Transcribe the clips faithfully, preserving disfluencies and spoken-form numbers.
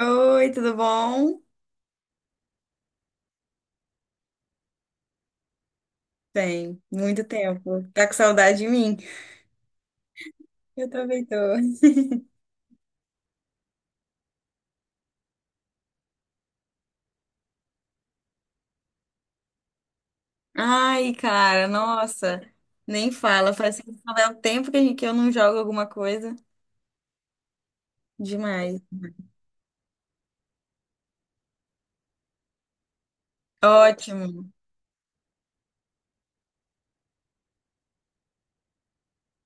Oi, tudo bom? Bem, muito tempo. Tá com saudade de mim? Eu também tô. Ai, cara, nossa, nem fala. Parece que não é o tempo que a gente- que eu não jogo alguma coisa. Demais. Ótimo,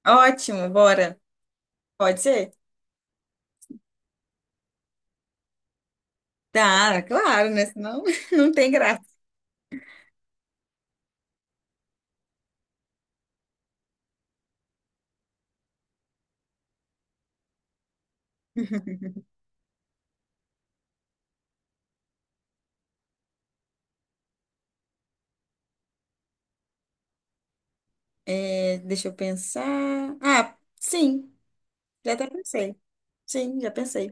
ótimo, bora. Pode ser? Tá, claro, né? Senão não tem graça. É, deixa eu pensar. Ah, sim, já até pensei. Sim, já pensei.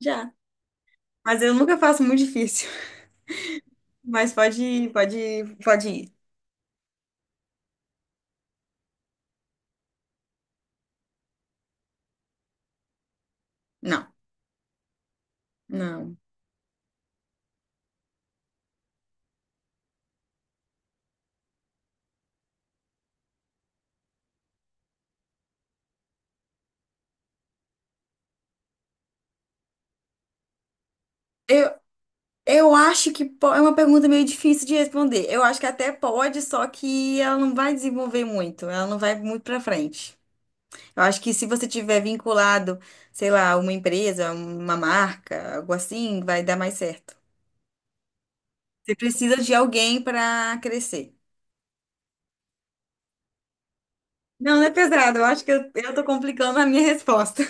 Já. Mas eu nunca faço muito difícil. Mas pode, pode, pode ir. Não. Não. Eu, eu acho que po- é uma pergunta meio difícil de responder. Eu acho que até pode, só que ela não vai desenvolver muito, ela não vai muito para frente. Eu acho que se você tiver vinculado, sei lá, uma empresa, uma marca, algo assim, vai dar mais certo. Você precisa de alguém para crescer. Não, não é pesado. Eu acho que eu, eu tô complicando a minha resposta.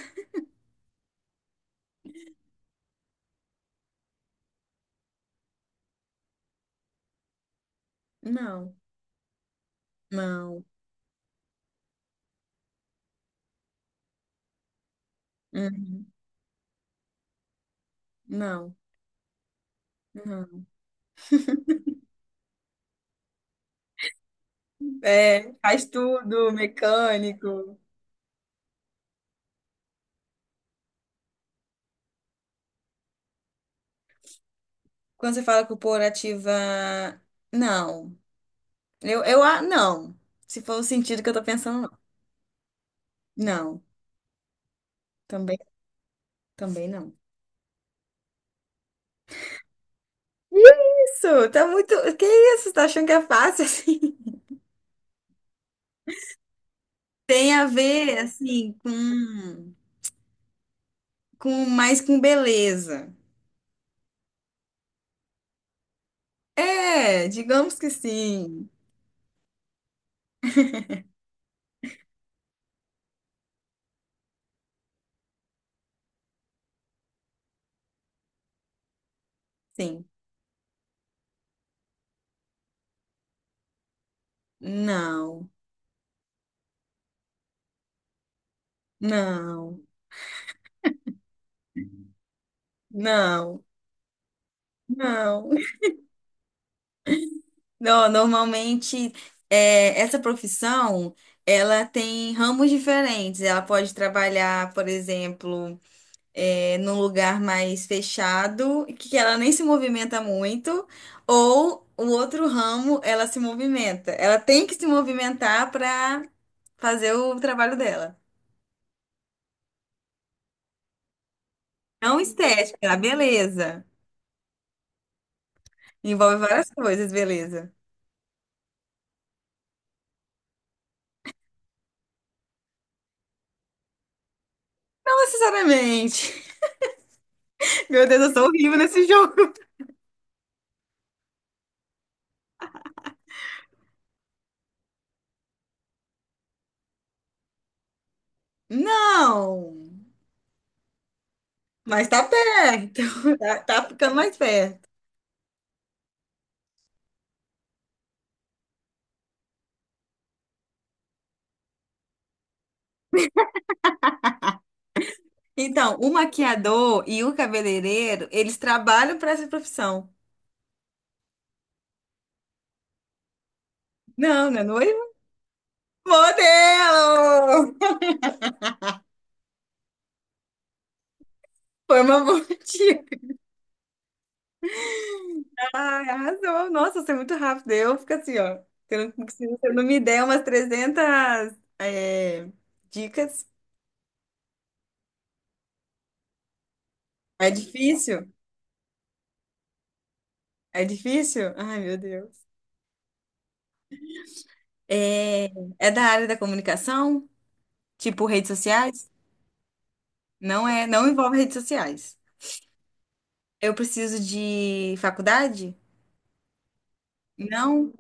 Não, não, uhum, não, não. É, faz tudo, mecânico. Quando você fala corporativa, não. Eu, eu, a- não. Se for o sentido que eu tô pensando, não. Não. Também, também não. Isso, tá muito. Que isso? Tá achando que é fácil assim? Tem a ver, assim, com, com mais com beleza. É, digamos que sim. Sim. Não, não, não, não. Não, normalmente é, essa profissão ela tem ramos diferentes. Ela pode trabalhar, por exemplo, é, num lugar mais fechado, que ela nem se movimenta muito, ou o outro ramo ela se movimenta. Ela tem que se movimentar para fazer o trabalho dela. Não estética, a beleza. Envolve várias coisas, beleza. Não necessariamente. Meu Deus, eu sou horrível nesse jogo. Não! Mas tá perto, tá, tá ficando mais perto. Então, o maquiador e o cabeleireiro, eles trabalham para essa profissão. Não, não é noivo? Modelo! Foi uma boa dica. Ai, arrasou. Nossa, você é muito rápido. Eu fico assim, ó. Se eu não, se eu não me der umas trezentas é, dicas, é difícil. É difícil? Ai, meu Deus. É, é da área da comunicação? Tipo redes sociais? Não é, não envolve redes sociais. Eu preciso de faculdade? Não?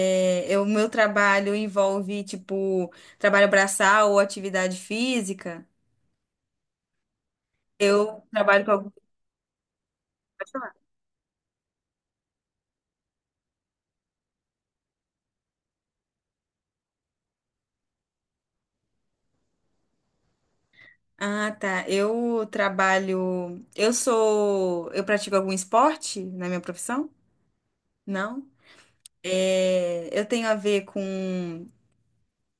É, eu- o meu trabalho envolve, tipo, trabalho braçal ou atividade física. Eu trabalho com algum. Pode falar. Ah, tá. Eu trabalho. Eu sou. Eu pratico algum esporte na minha profissão? Não. É, eu tenho a ver com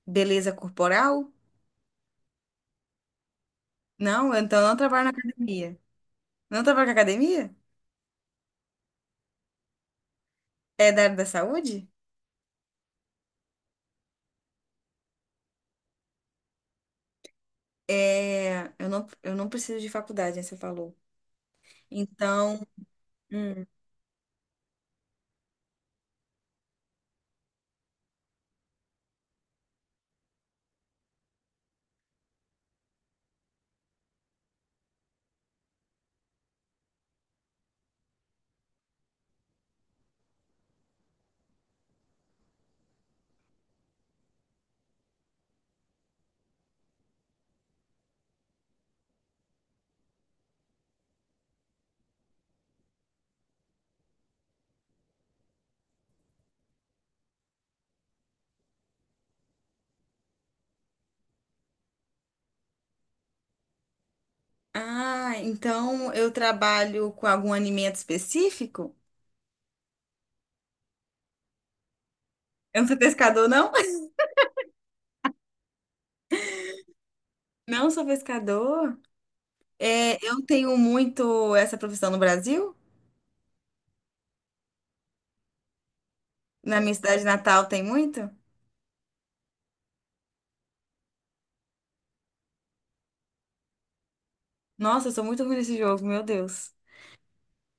beleza corporal? Não, então eu não trabalho na academia. Não trabalho na academia? É da área da saúde? É, eu não, eu não preciso de faculdade, né, você falou. Então, hum, ah, então eu trabalho com algum alimento específico? Eu não sou pescador, não? Não sou pescador. É, eu tenho muito essa profissão no Brasil. Na minha cidade natal tem muito. Nossa, eu sou muito ruim nesse jogo, meu Deus.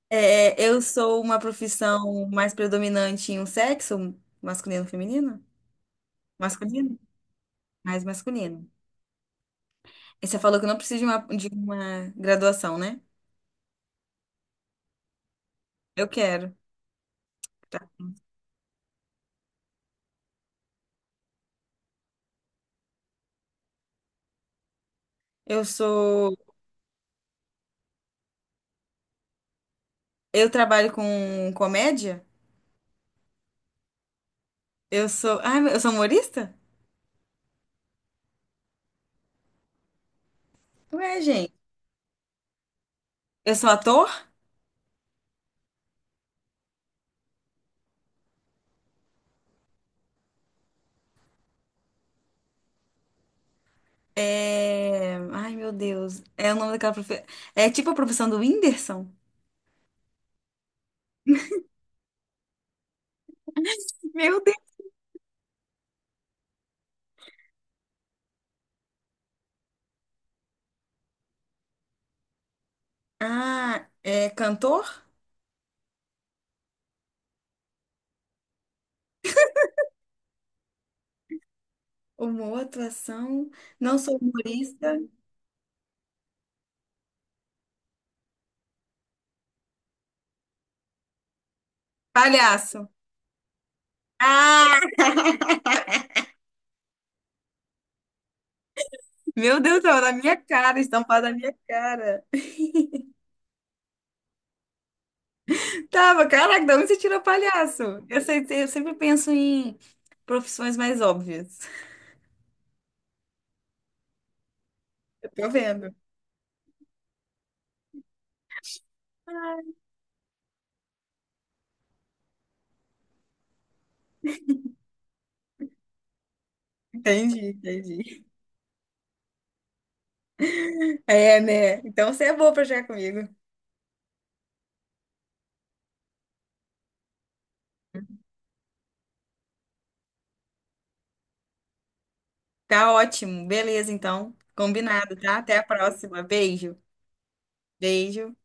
É, eu sou uma profissão mais predominante em um sexo, masculino, feminino? Masculino? Mais masculino. E você falou que eu não preciso de uma, de uma graduação, né? Eu quero. Tá? Eu sou. Eu trabalho com comédia. Eu sou. Ai, meu- eu sou humorista? Ué, gente. Eu sou ator? É... Ai, meu Deus. É o nome daquela profissão. É tipo a profissão do Whindersson? Meu Deus. Ah, é cantor? Humor, atuação. Não sou humorista. Palhaço. Ah, meu Deus, tava na minha cara, estampado na minha cara. Tava, caraca, de onde você tirou palhaço? Eu sei, eu sempre penso em profissões mais óbvias. Eu tô vendo. Entendi, entendi. É, né? Então você é boa pra jogar comigo. Tá ótimo. Beleza, então. Combinado, tá? Até a próxima. Beijo. Beijo.